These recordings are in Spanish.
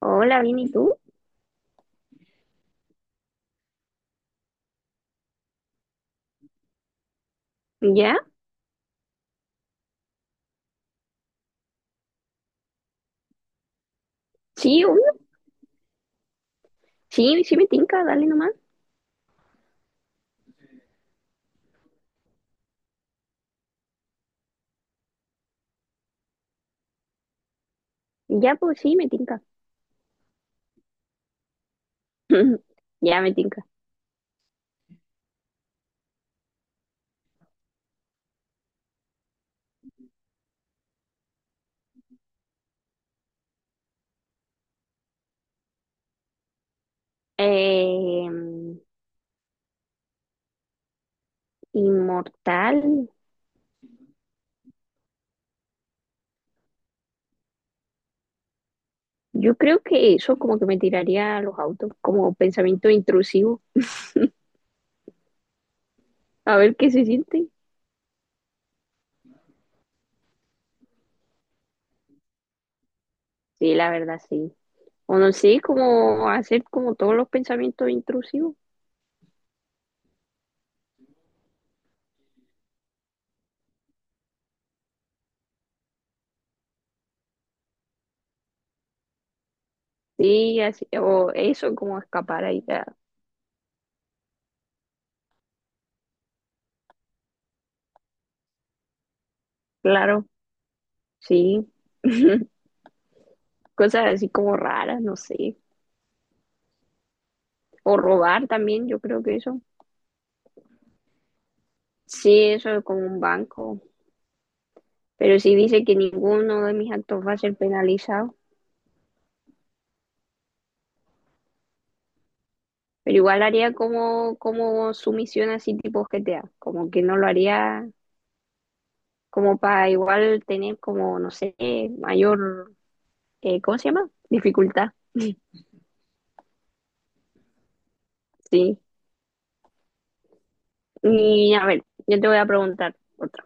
Hola, bien, ¿y tú? ¿Ya? Sí, obvio. Sí, sí me tinca, dale nomás. Ya, pues sí, me tinca. Ya me tinca. Eh, Inmortal. Yo creo que eso como que me tiraría a los autos, como pensamiento intrusivo. A ver qué se siente. Sí, la verdad, sí. O no sé, como hacer como todos los pensamientos intrusivos. Sí, así, o eso, como escapar ahí. Ya. Claro, sí. Cosas así como raras, no sé. O robar también, yo creo que eso. Sí, eso es con un banco, pero sí dice que ninguno de mis actos va a ser penalizado, pero igual haría como, como sumisión así tipo GTA, como que no lo haría como para igual tener como, no sé, mayor, ¿cómo se llama? Dificultad, sí. Y a ver, yo te voy a preguntar otra.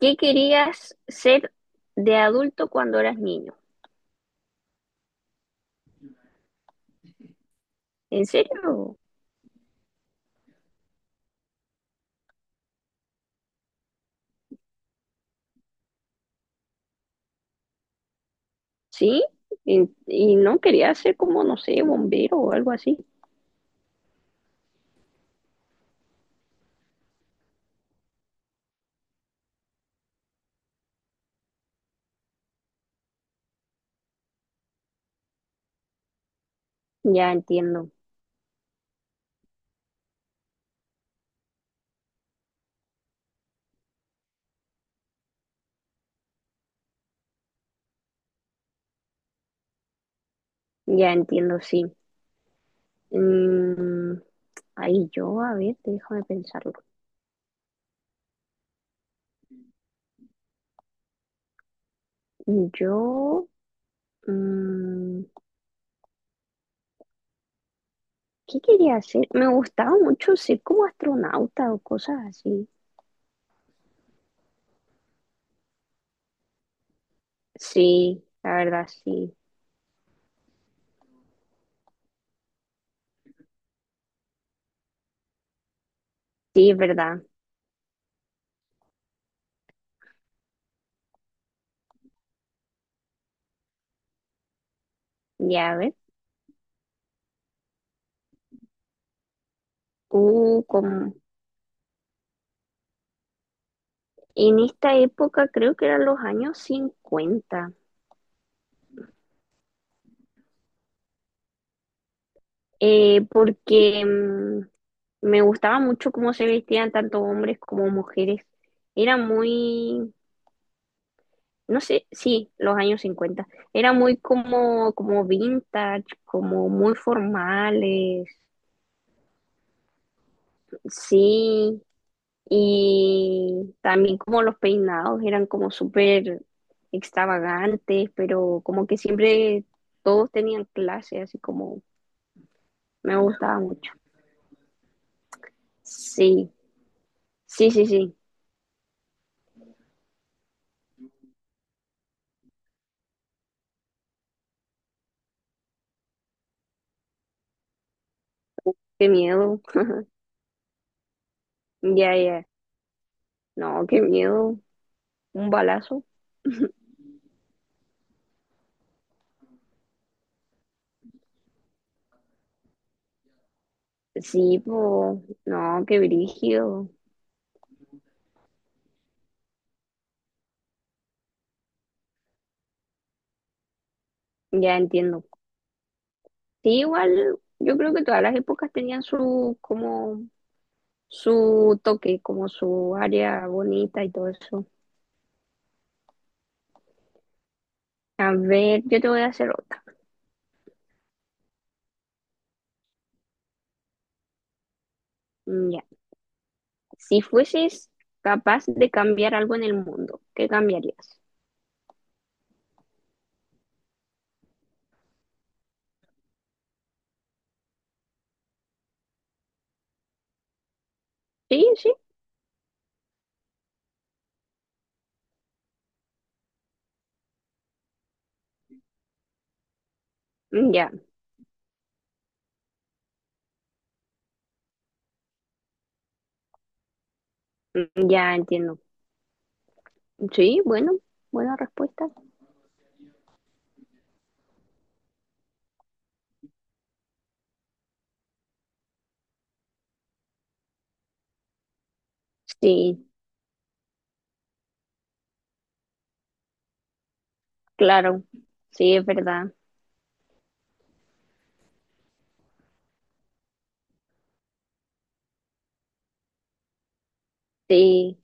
¿Qué querías ser de adulto cuando eras niño? ¿En serio? ¿Sí? Y no querías ser como, no sé, bombero o algo así. Ya entiendo. Ya entiendo, sí. Mm, ahí yo, a ver, déjame pensarlo. Yo, mm, ¿qué quería hacer? Me gustaba mucho ser como astronauta o cosas así. Sí, la verdad, sí. Sí, es verdad. Ya, a ver. Como en esta época creo que eran los años 50, porque me gustaba mucho cómo se vestían tanto hombres como mujeres. Era muy, no sé, sí, los años 50. Era muy como, como vintage, como muy formales, sí. Y también como los peinados eran como súper extravagantes, pero como que siempre todos tenían clase, así como, me gustaba mucho. Sí, sí, sí, sí, qué miedo. Ya, ya, no, qué miedo. Un balazo. Sí, pues, no, qué brígido. Ya entiendo. Sí, igual yo creo que todas las épocas tenían su como su toque, como su área bonita y todo eso. A ver, yo te voy a hacer otra. Mm, ya. Si fueses capaz de cambiar algo en el mundo, ¿qué cambiarías? Sí, sí. Mm, ya. Mm, ya entiendo. Sí, bueno, buena respuesta. Sí, claro. Sí, es verdad. Sí,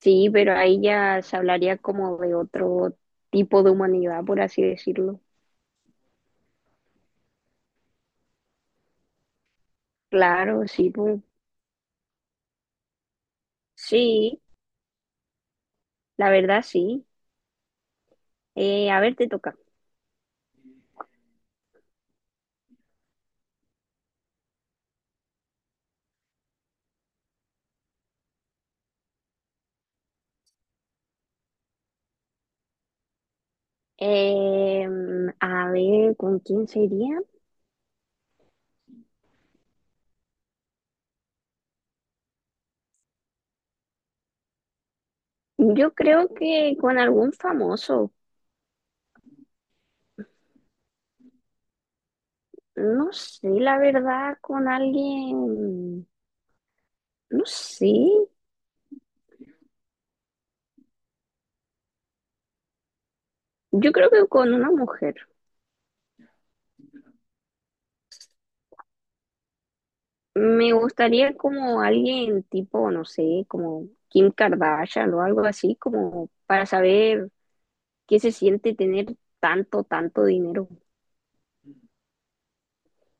sí, pero ahí ya se hablaría como de otro tipo de humanidad, por así decirlo. Claro, sí, po. Sí, la verdad sí. A ver, te toca. Eh, a ver, ¿con quién sería? Yo creo que con algún famoso. No sé, la verdad, con alguien. No sé. Yo creo que con una mujer. Me gustaría como alguien tipo, no sé, como Kim Kardashian o algo así, como para saber qué se siente tener tanto, tanto dinero.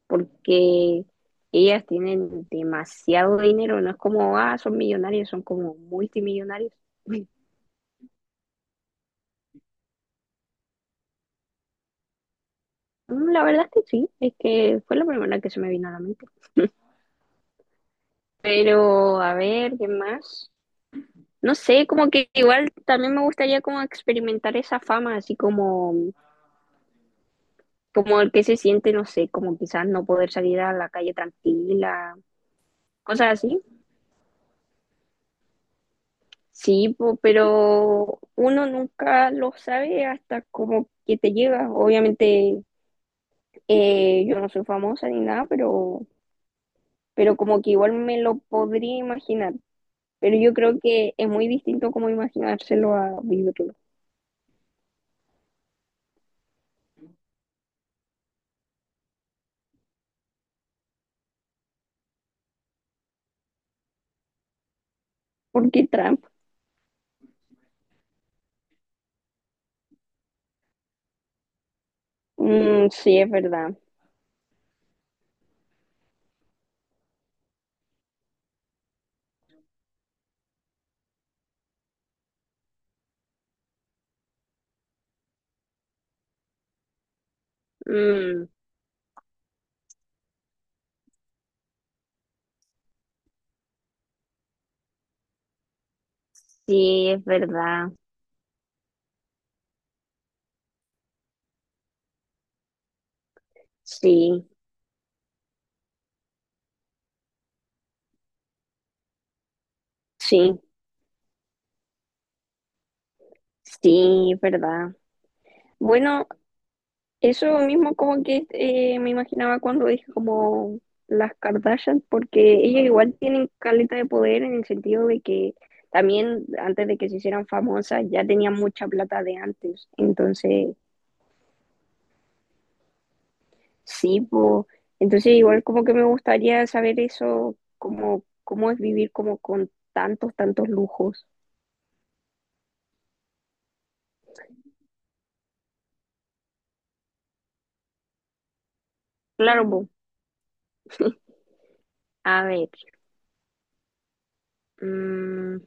Porque ellas tienen demasiado dinero, no es como, ah, son millonarios, son como multimillonarios. Mm, la verdad es que sí, es que fue la primera que se me vino a la mente. Pero, a ver, ¿qué más? No sé, como que igual también me gustaría como experimentar esa fama, así como, como el que se siente, no sé, como quizás no poder salir a la calle tranquila, cosas así. Sí, po, pero uno nunca lo sabe hasta como que te llega. Obviamente, yo no soy famosa ni nada, pero como que igual me lo podría imaginar. Pero yo creo que es muy distinto como imaginárselo a vivirlo. Porque Trump, mm, sí, es verdad. Mm, sí, es verdad. Sí, sí, sí, es verdad. Bueno, eso mismo como que me imaginaba cuando dije como las Kardashian, porque ellas igual tienen caleta de poder en el sentido de que también antes de que se hicieran famosas ya tenían mucha plata de antes. Entonces, sí, po. Entonces igual como que me gustaría saber eso, como cómo es vivir como con tantos, tantos lujos. Claro, po. A ver, mm,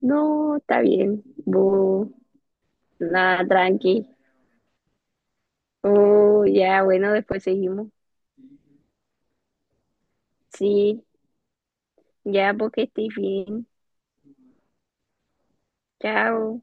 no, está bien, bo, nada, tranqui. Oh, ya, bueno, después seguimos. Sí, ya porque estoy bien. Chao.